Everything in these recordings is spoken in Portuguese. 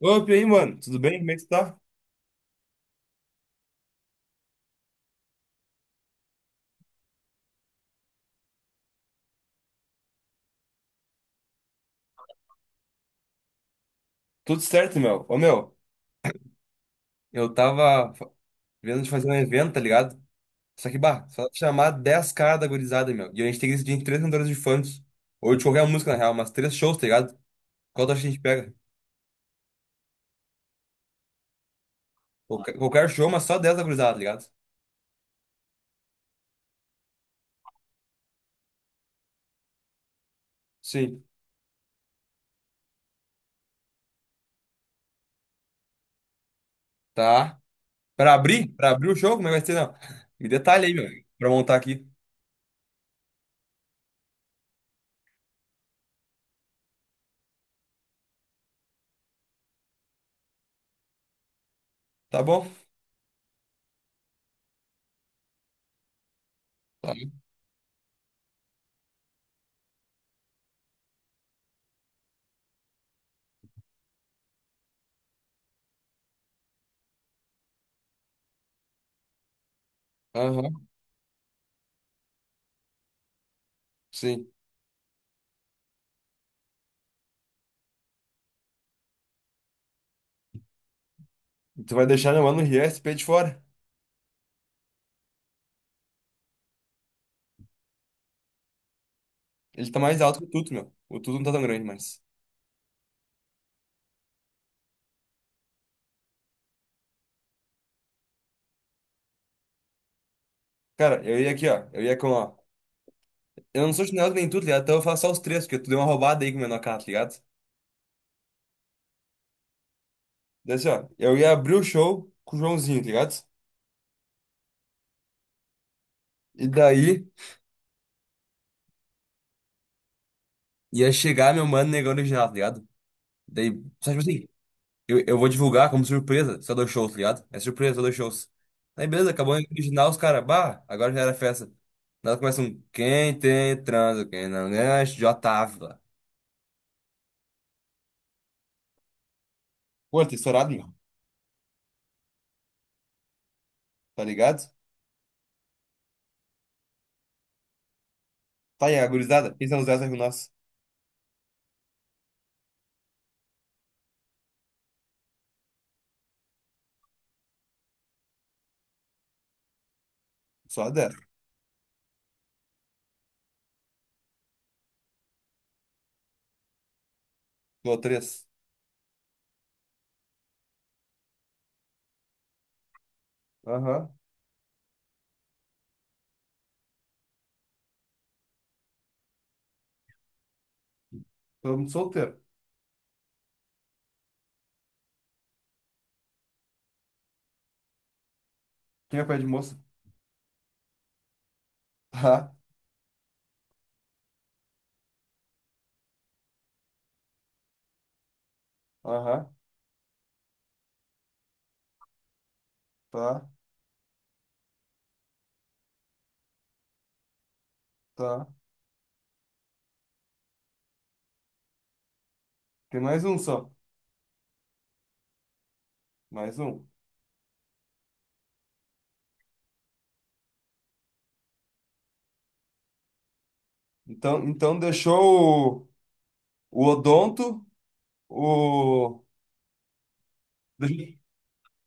Opa, e aí, mano? Tudo bem? Como é que tu tá? Tudo certo, meu. Ô, meu, eu tava vendo de fazer um evento, tá ligado? Só que, bah, só chamar 10 caras da gurizada, meu. E a gente tem que decidir em três cantores de funk. Ou de qualquer música, na real, mas três shows, tá ligado? Qual tu acha que a gente pega? Qualquer show, mas só 10 da gurizada, tá ligado? Sim. Tá. Pra abrir o show? Como é que vai ser, não? Me detalhe aí, meu. Pra montar aqui. Tá bom? Tá. Aham, sim. E tu vai deixar meu mano o RSP de fora. Ele tá mais alto que o Tuto, meu. O Tuto não tá tão grande, mas. Cara, eu ia aqui, ó. Eu ia com, ó. Eu não sou chinelo nem tu, tá ligado? Então eu faço só os três, porque tu deu uma roubada aí com o menor carro, tá ligado? Daí assim, ó. Eu ia abrir o show com o Joãozinho, tá ligado? E daí ia chegar meu mano negão original, tá ligado? Daí, só tipo assim, eu vou divulgar como surpresa só dois shows, tá ligado? É surpresa, só dois shows. Aí beleza, acabou o original, os caras, bah, agora já era festa. Nós começamos, um, quem tem transa, quem não ganha, já tava. Pô, tá estourado, meu. Tá ligado? Tá aí, a gurizada. Quem são os 10 aí com nós? Só 10. Tô três. Aham. Todo mundo solteiro. Quem é pé de moça? Tá. Aham. Tá. Tá. Tem mais um só. Mais um. Então deixou o odonto, o. deixou-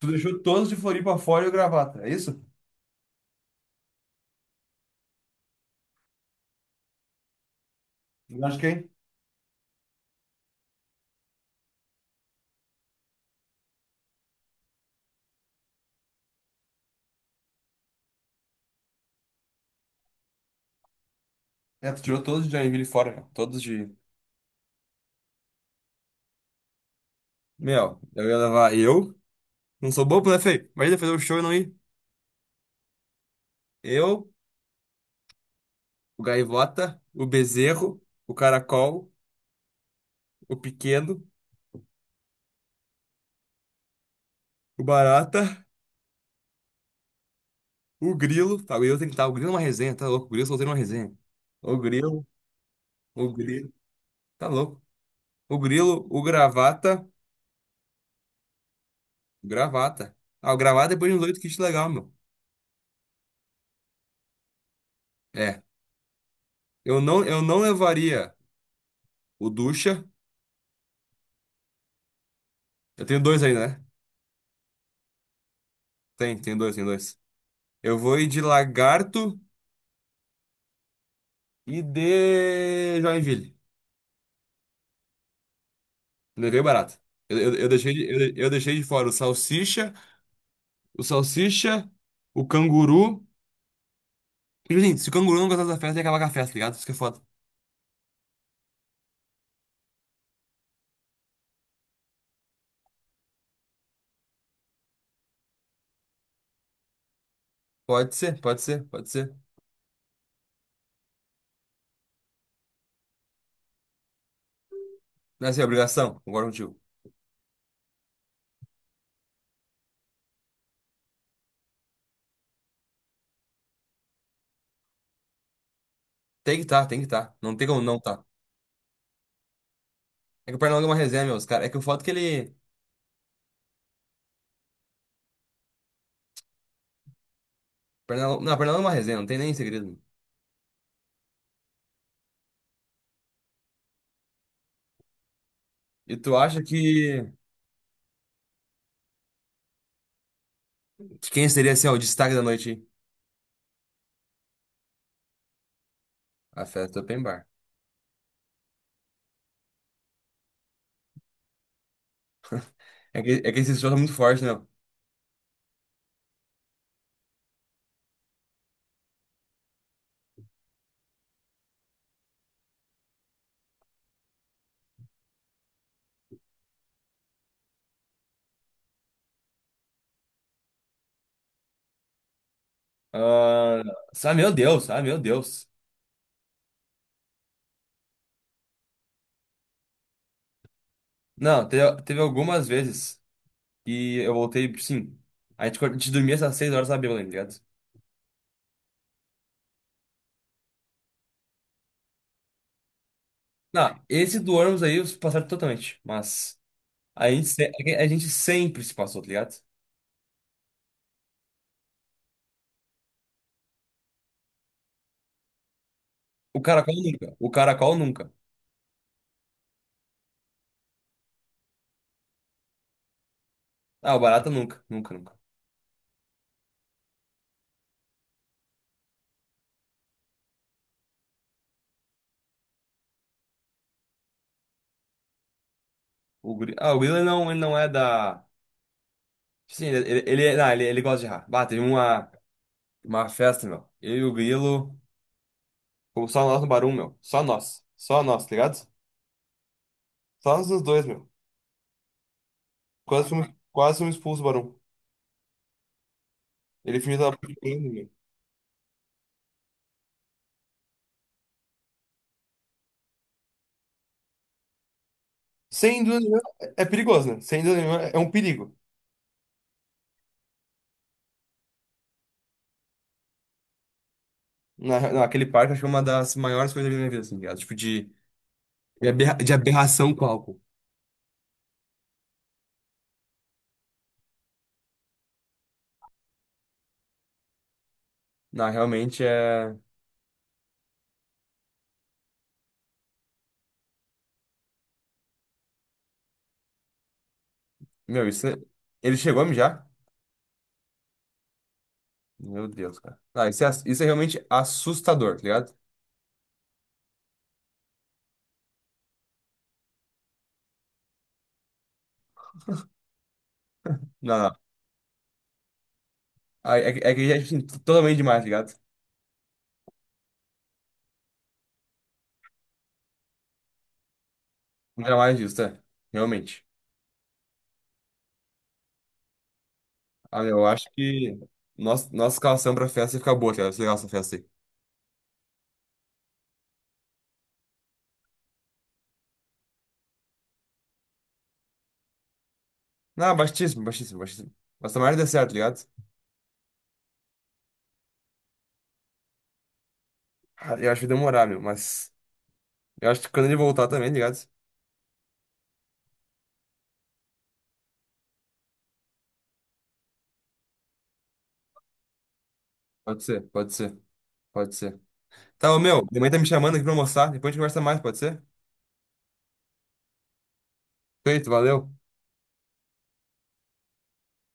Tu deixou todos de Floripa fora e o gravata, é isso? Eu acho que é. Tu tirou todos de Joinville fora, cara. Todos de. Meu, eu ia levar eu. Não sou bobo, né, feio? Imagina fazer um show e não ir. Eu, o Gaivota, o Bezerro, o Caracol, o Pequeno, o Barata. O Grilo, tá, eu Grilo que estar. O Grilo é uma resenha, tá louco? O Grilo soltando uma resenha. O Grilo, o Grilo, tá louco? O Grilo, o Gravata, Gravata. Ah, o Gravata depois de uns oito kits legal, meu. É, eu não levaria o Ducha. Eu tenho dois ainda, né? Tem dois, tem dois. Eu vou ir de Lagarto e de Joinville. Levei barato. Eu, eu, eu deixei, de- eu deixei de fora o Salsicha, o Canguru. E, gente, se o Canguru não gostar da festa, ele acaba com a festa, tá ligado? Isso que é foda. Pode ser, pode ser, pode ser. Não, assim, é obrigação, concordo contigo. Tem que estar, tá, tem que estar. Tá. Não tem como não tá. É que o Pernalonga é uma resenha, meus caras. É que o foto que ele. Não, o Pernalonga é uma resenha, não tem nem segredo. E tu acha que quem seria, assim, ó, o destaque da noite? Aí? A festa open bar. É que esse show tá muito forte, né? Ah, ah, meu Deus, ah, meu Deus. Não, teve algumas vezes que eu voltei, sim. A gente dormia essas 6 horas, sabe, tá ligado? Não, esse do ônibus aí, os passaram totalmente. Mas. A gente, se- a gente sempre se passou, tá ligado? O caracol nunca. O caracol nunca. Ah, o barata nunca. Nunca, nunca. Ah, o Will ele não é da. Sim, ele, não, ele gosta de errar. Bah, teve uma festa, meu. Eu e o Grilo. Fomos só nós no Barum, meu. Só nós. Só nós, tá ligado? Só nós os dois, meu. Quase fomos, quase fomos expulsos do Barum. Ele fingiu que tava pulando, meu. Sem dúvida nenhuma, é perigoso, né? Sem dúvida nenhuma, é um perigo. Naquele parque, acho que é uma das maiores coisas da minha vida, assim, tá ligado? Tipo, de aberração com álcool. Não, realmente é. Meu, isso. Ele chegou a mijar? Meu Deus, cara. Não, isso é realmente assustador, tá ligado? Não, não. Ah, é, que é que já é assim, totalmente demais, tá ligado? Não era mais disso, tá? Realmente. Ah, meu, eu acho que nossa escalação pra festa ia ficar boa, tá ligado? Ia ser legal essa festa aí. Não, baixíssimo, baixíssimo, baixíssimo. Mas tomara que dê certo, tá ligado? Ah, eu acho que vai demorar, meu, mas. Eu acho que quando ele voltar também, tá ligado? Pode ser, pode ser, pode ser. Tá, ô, meu, minha mãe tá me chamando aqui pra almoçar. Depois a gente conversa mais, pode ser? Feito, valeu.